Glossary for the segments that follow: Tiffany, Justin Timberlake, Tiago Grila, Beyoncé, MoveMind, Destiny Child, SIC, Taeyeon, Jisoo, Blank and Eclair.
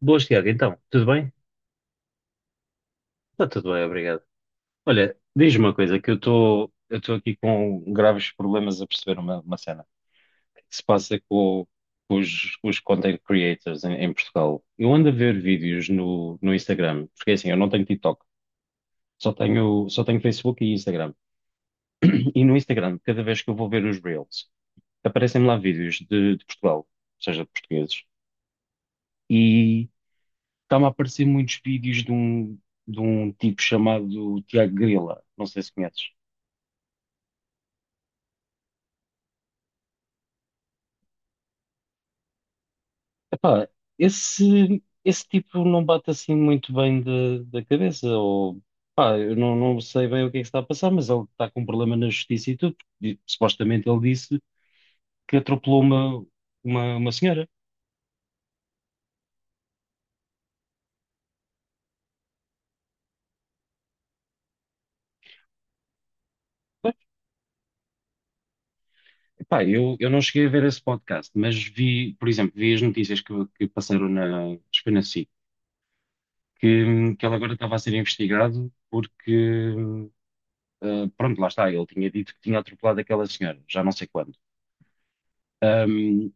Boas, Tiago. Então, tudo bem? Está tudo bem, obrigado. Olha, diz-me uma coisa, que eu estou aqui com graves problemas a perceber uma cena. O que se passa com os content creators em Portugal. Eu ando a ver vídeos no Instagram, porque é assim, eu não tenho TikTok, só tenho Facebook e Instagram. E no Instagram, cada vez que eu vou ver os Reels, aparecem-me lá vídeos de Portugal, ou seja, de portugueses. Está-me a aparecer muitos vídeos de um tipo chamado Tiago Grila. Não sei se conheces. Epá, esse tipo não bate assim muito bem da cabeça. Ou pá, eu não, não sei bem o que é que está a passar, mas ele está com um problema na justiça e tudo. Porque supostamente ele disse que atropelou uma senhora. Bem, epá, eu não cheguei a ver esse podcast, mas vi, por exemplo, vi as notícias que passaram na, acho que foi na SIC, que ele agora estava a ser investigado porque pronto, lá está, ele tinha dito que tinha atropelado aquela senhora, já não sei quando. Um,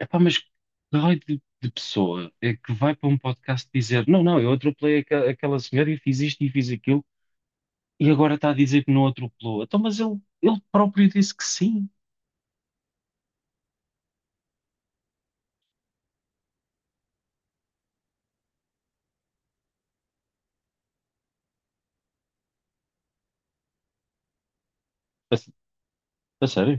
Epá, mas que raio de pessoa é que vai para um podcast dizer: Não, não, eu aquela senhora e fiz isto e fiz aquilo, e agora está a dizer que não atropelou. Então, mas ele próprio disse que sim. A, s- a sério?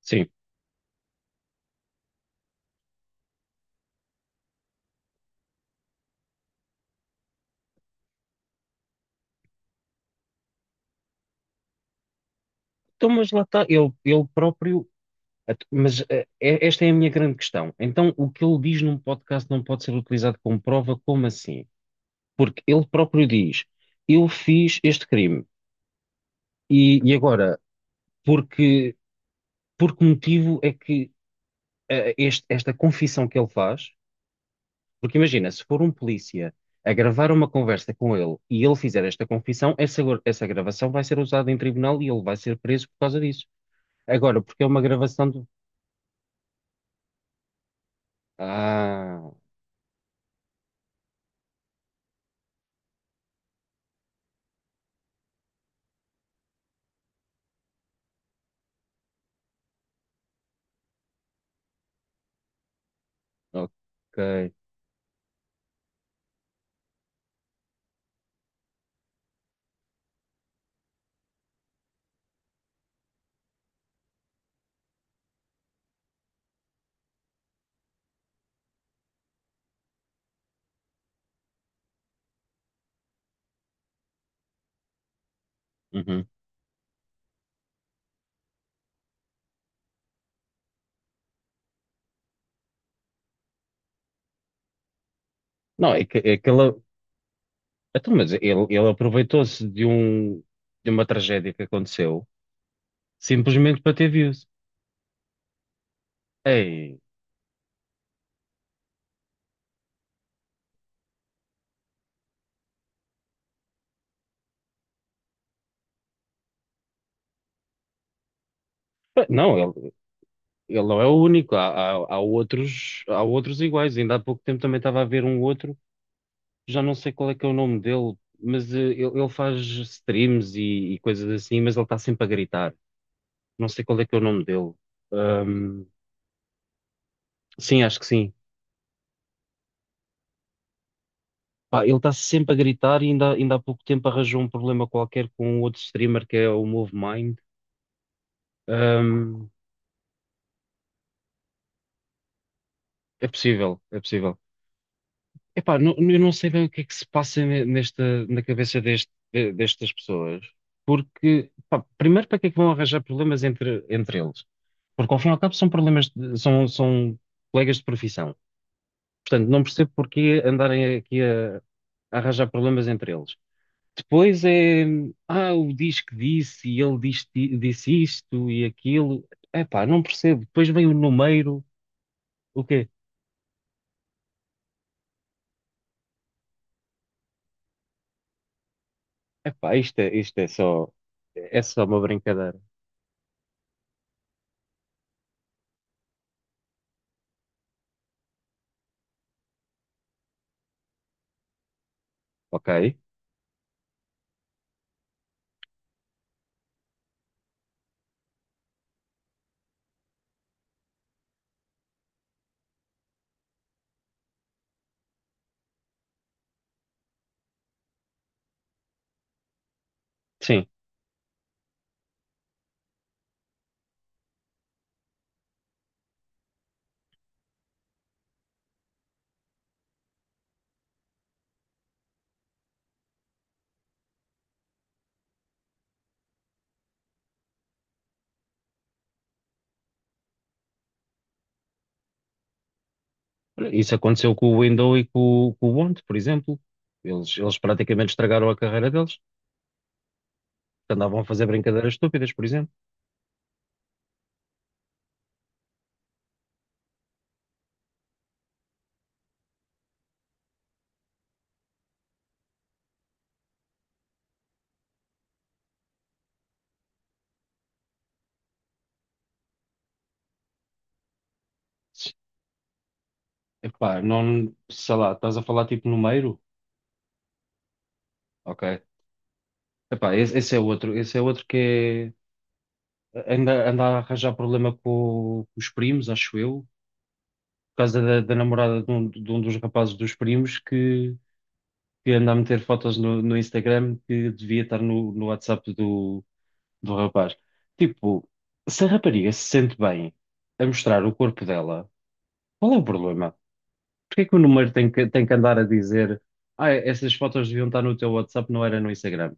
Sim. Então, mas lá está, ele próprio. Esta é a minha grande questão. Então, o que ele diz num podcast não pode ser utilizado como prova, como assim? Porque ele próprio diz: Eu fiz este crime. E agora, porque, por que motivo é que esta confissão que ele faz? Porque imagina, se for um polícia a gravar uma conversa com ele e ele fizer esta confissão, essa, essa gravação vai ser usada em tribunal e ele vai ser preso por causa disso. Agora, porque é uma gravação do. Ah, ok. Uhum. Não, é que ele. Então, mas ele aproveitou-se de uma tragédia que aconteceu simplesmente para ter views. Ei, não, ele não é o único, há outros iguais. Ainda há pouco tempo também estava a ver um outro, já não sei qual é que é o nome dele, mas ele faz streams e coisas assim, mas ele está sempre a gritar. Não sei qual é que é o nome dele. Ahm, sim, acho que sim. Pá, ele está sempre a gritar e ainda há pouco tempo arranjou um problema qualquer com um outro streamer que é o MoveMind. Ahm, é possível, é possível. Epá, não, eu não sei bem o que é que se passa nesta, na cabeça destas pessoas, porque, pá, primeiro, para que é que vão arranjar problemas entre eles? Porque, ao fim e ao cabo, são problemas, são colegas de profissão. Portanto, não percebo porquê andarem aqui a arranjar problemas entre eles. Depois é, ah, o diz que disse, e disse, isto e aquilo. Epá, não percebo. Depois vem o número, o quê? Epá, isto é só uma brincadeira, ok? Sim, isso aconteceu com o Windows e com o Bond, por exemplo. Eles praticamente estragaram a carreira deles, porque andavam a fazer brincadeiras estúpidas, por exemplo. Epá, não, sei lá, estás a falar tipo número? Ok. Epá, esse, esse é outro que é, anda, anda a arranjar problema com os primos, acho eu, por causa da namorada de um dos rapazes dos primos que anda a meter fotos no Instagram que devia estar no WhatsApp do, do rapaz. Tipo, se a rapariga se sente bem a mostrar o corpo dela, qual é o problema? Porquê é que o número tem que andar a dizer, ah, essas fotos deviam estar no teu WhatsApp, não era no Instagram?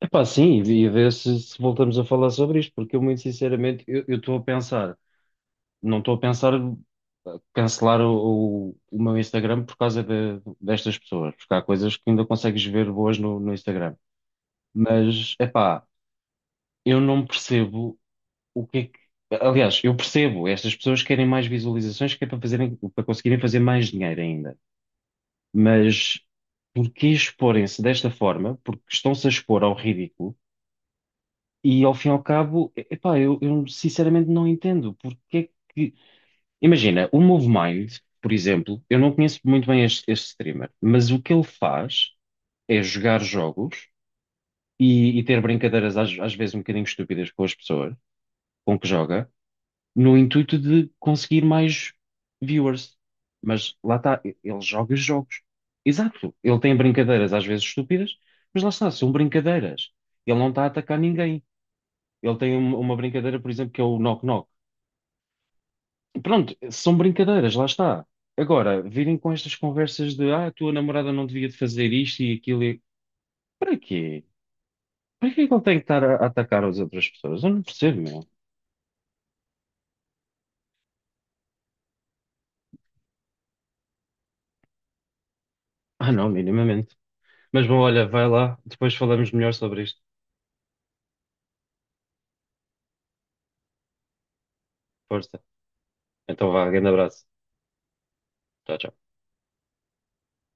Epá, sim, e ver se, se voltamos a falar sobre isto, porque eu muito sinceramente, eu estou a pensar, não estou a pensar cancelar o meu Instagram por causa de- destas pessoas, porque há coisas que ainda consegues ver boas no Instagram. Mas, epá, eu não percebo o que é que- Aliás, eu percebo, estas pessoas querem mais visualizações que é para fazerem, para conseguirem fazer mais dinheiro ainda. Mas porque exporem-se desta forma? Porque estão-se a expor ao ridículo e ao fim e ao cabo, epá, eu sinceramente não entendo porque é que. Imagina, o MoveMind, por exemplo, eu não conheço muito bem este streamer, mas o que ele faz é jogar jogos e ter brincadeiras às vezes um bocadinho estúpidas com as pessoas com que joga, no intuito de conseguir mais viewers. Mas lá está, ele joga jogos. Exato, ele tem brincadeiras às vezes estúpidas, mas lá está, são brincadeiras. Ele não está a atacar ninguém. Uma brincadeira, por exemplo, que é o Knock Knock. Pronto, são brincadeiras, lá está. Agora, virem com estas conversas de ah, a tua namorada não devia de fazer isto e aquilo. E... Para quê? Para que é que ele tem que estar a atacar as outras pessoas? Eu não percebo, meu. Ah, não, minimamente. Mas bom, olha, vai lá, depois falamos melhor sobre isto. Força. Então vá, grande abraço. Tchau, tchau.